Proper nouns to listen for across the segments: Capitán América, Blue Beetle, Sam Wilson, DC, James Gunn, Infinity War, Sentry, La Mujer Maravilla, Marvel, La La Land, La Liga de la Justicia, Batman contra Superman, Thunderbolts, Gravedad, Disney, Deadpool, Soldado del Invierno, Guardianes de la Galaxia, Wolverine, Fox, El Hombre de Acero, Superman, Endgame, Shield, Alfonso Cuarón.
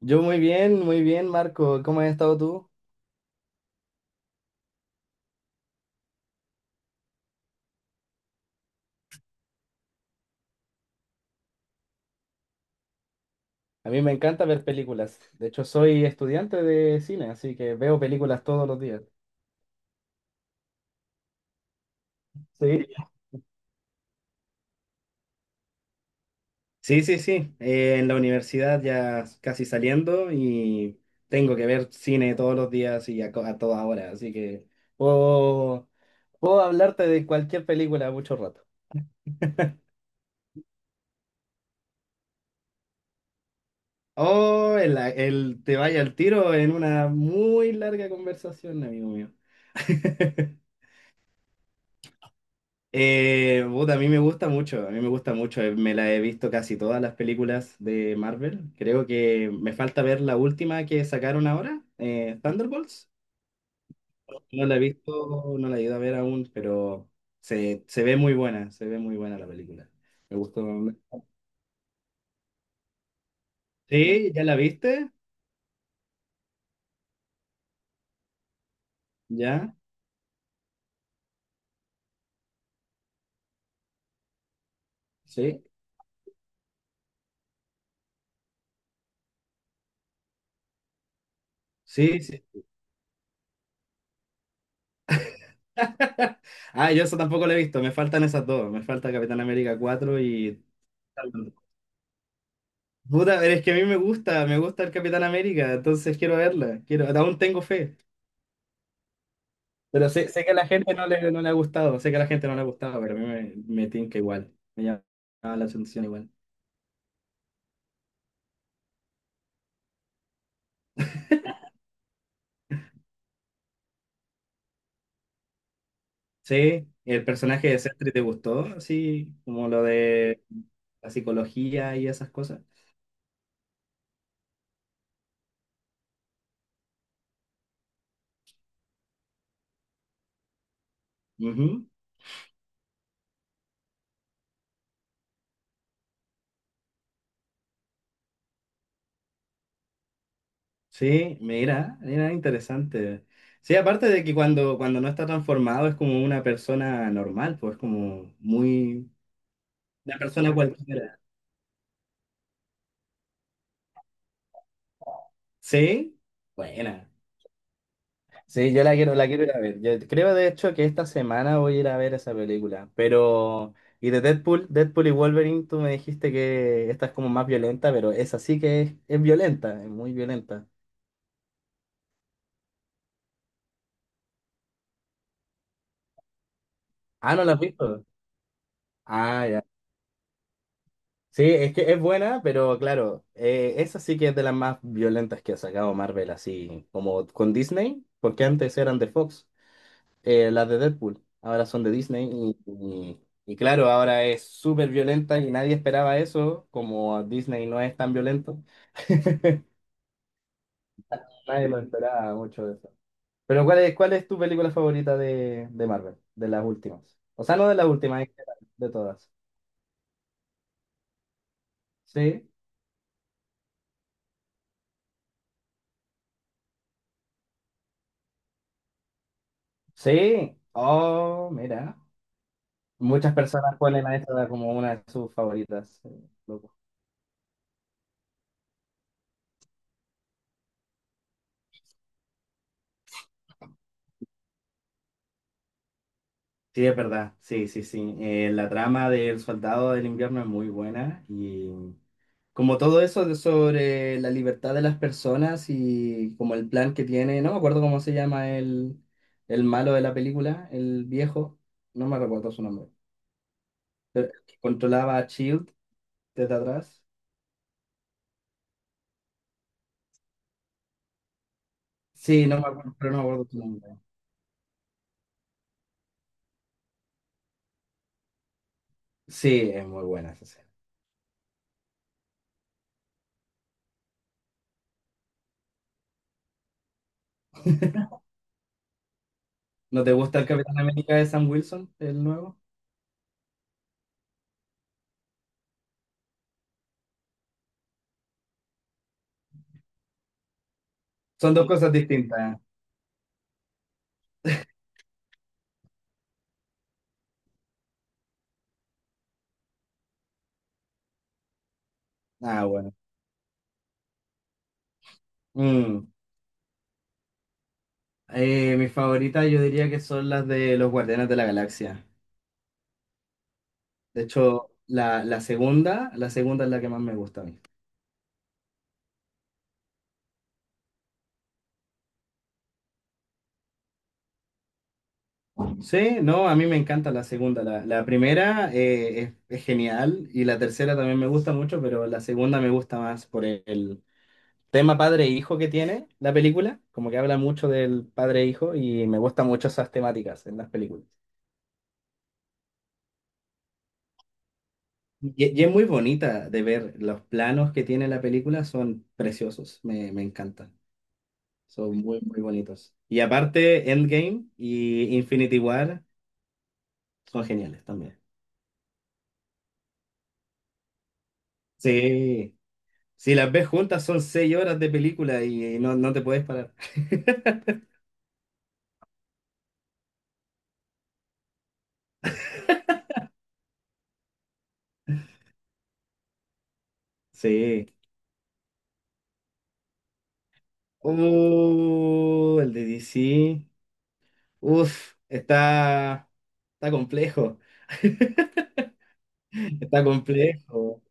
Yo muy bien, Marco. ¿Cómo has estado tú? A mí me encanta ver películas. De hecho, soy estudiante de cine, así que veo películas todos los días. Sí, sí, sí, sí. En la universidad ya casi saliendo y tengo que ver cine todos los días y a toda hora, así que puedo, puedo hablarte de cualquier película mucho rato. Oh, el te vaya al tiro en una muy larga conversación, amigo mío. Puta, a mí me gusta mucho, a mí me gusta mucho. Me la he visto casi todas las películas de Marvel. Creo que me falta ver la última que sacaron ahora, Thunderbolts. No la he visto, no la he ido a ver aún, pero se ve muy buena, se ve muy buena la película. Me gustó. Sí, ¿ya la viste? ¿Ya? Sí, sí, sí. Ah, yo eso tampoco la he visto, me faltan esas dos. Me falta Capitán América 4 y... Puta, pero es que a mí me gusta el Capitán América, entonces quiero verla, quiero, aún tengo fe, pero sé que a la gente no le, no le ha gustado, sé que a la gente no le ha gustado, pero a mí me tinca igual, me llama la atención igual. Sí, el personaje de Sentry te gustó, así como lo de la psicología y esas cosas. Ujú. Sí, mira, mira, interesante. Sí, aparte de que cuando no está transformado es como una persona normal, pues como muy... Una persona cualquiera. Sí, buena. Sí, yo la quiero ir a ver. Yo creo de hecho que esta semana voy a ir a ver esa película. Pero, y de Deadpool, Deadpool y Wolverine, tú me dijiste que esta es como más violenta, pero esa sí que es violenta, es muy violenta. Ah, ¿no la has visto? Ah, ya. Sí, es que es buena, pero claro, esa sí que es de las más violentas que ha sacado Marvel, así como con Disney, porque antes eran de Fox. Las de Deadpool. Ahora son de Disney y, y- y claro, ahora es súper violenta y nadie esperaba eso, como Disney no es tan violento, nadie lo esperaba mucho de eso. Pero cuál es tu película favorita de Marvel, de las últimas? O sea, no de las últimas, en general, de todas. Sí, sí. Oh, mira. Muchas personas ponen a esta como una de sus favoritas. Loco. Sí, es verdad. Sí, sí, sí. La trama del Soldado del Invierno es muy buena y... Como todo eso de- sobre la libertad de las personas y como el plan que tiene, no me acuerdo cómo se llama el malo de la película, el viejo, no me recuerdo su nombre, pero el que controlaba a Shield desde atrás. Sí, no me acuerdo, pero no me acuerdo su nombre. Sí, es muy buena esa escena. ¿No te gusta el Capitán América de Sam Wilson, el nuevo? Son dos cosas distintas. Ah, bueno. Mm. Mis favoritas yo diría que son las de los Guardianes de la Galaxia. De hecho, la segunda es la que más me gusta a mí. Sí, no, a mí me encanta la segunda. La primera es genial y la tercera también me gusta mucho, pero la segunda me gusta más por el tema padre e hijo que tiene la película, como que habla mucho del padre e hijo y me gustan mucho esas temáticas en las películas. Y es muy bonita de ver, los planos que tiene la película son preciosos, me encantan, son muy, muy bonitos. Y aparte, Endgame y Infinity War son geniales también. Sí, si las ves juntas son seis horas de película y no, no te puedes parar. Sí. El de DC. Uf, está complejo. Está complejo.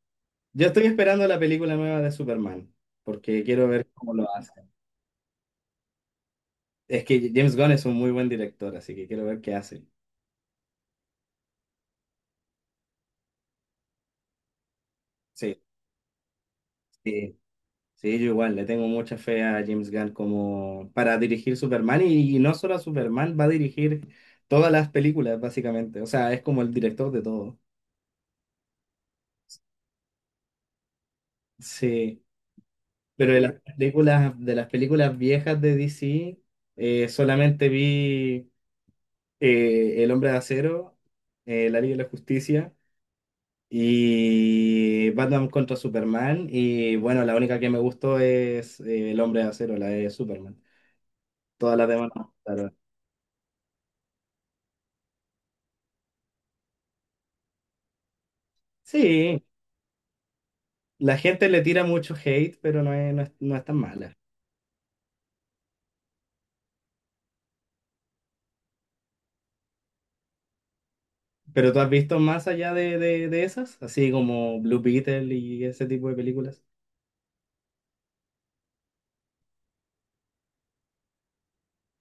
Yo estoy esperando la película nueva de Superman, porque quiero ver cómo lo hace. Es que James Gunn es un muy buen director, así que quiero ver qué hace. Sí. Sí. Sí, yo igual, le tengo mucha fe a James Gunn como para dirigir Superman y no solo a Superman, va a dirigir todas las películas básicamente, o sea, es como el director de todo. Sí, pero de las películas viejas de DC, solamente vi El Hombre de Acero, La Liga de la Justicia y Batman contra Superman y bueno, la única que me gustó es El Hombre de Acero, la de Superman. Todas las demás, no, claro. Sí, la gente le tira mucho hate, pero no es, no es, no es tan mala. ¿Pero tú has visto más allá de esas? Así como Blue Beetle y ese tipo de películas.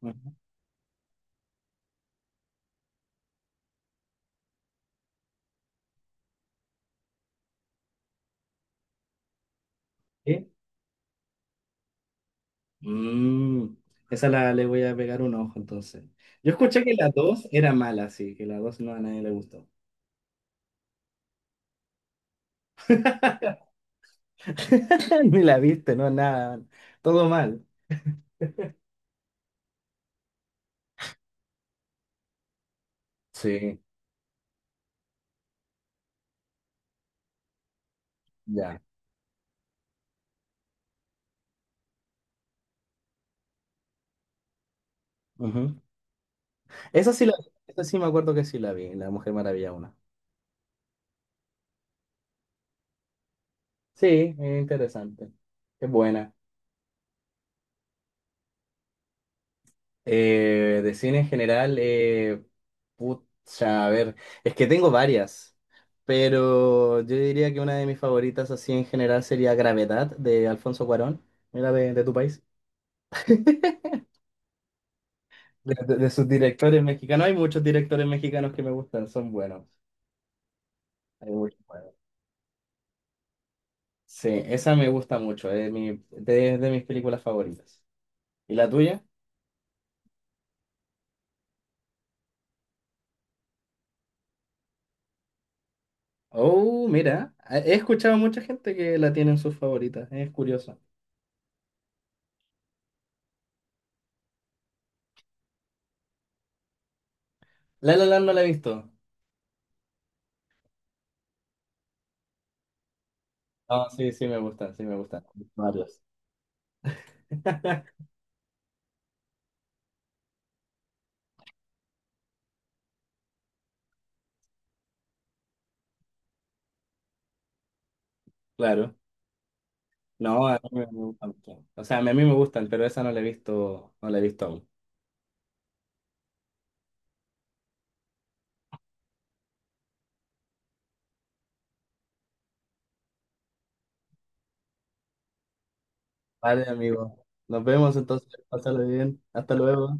Ajá. ¿Sí? Mm, le voy a pegar un ojo entonces. Yo escuché que la dos era mala, sí, que la 2 no a nadie le gustó. Ni la viste, no, nada. Todo mal. Sí, ya. Ujú. Esa sí la Esa sí me acuerdo que sí la vi, La Mujer Maravilla 1. Sí, es interesante. Es buena. De cine en general, pucha, a ver, es que tengo varias, pero yo diría que una de mis favoritas así en general sería Gravedad de Alfonso Cuarón, era de tu país, de sus directores mexicanos. Hay muchos directores mexicanos que me gustan, son buenos. Hay muchos buenos. Sí, esa me gusta mucho, es mi, de mis películas favoritas. ¿Y la tuya? Oh, mira, he escuchado a mucha gente que la tiene en sus favoritas, es curioso. La La Land no la he visto. No, sí, sí me gustan, sí me gustan. Varios. Claro. No, a mí me gustan mucho. O sea, a mí me gustan, pero esa no la he visto, no la he visto aún. Vale, amigo. Nos vemos entonces. Pásalo bien. Hasta luego.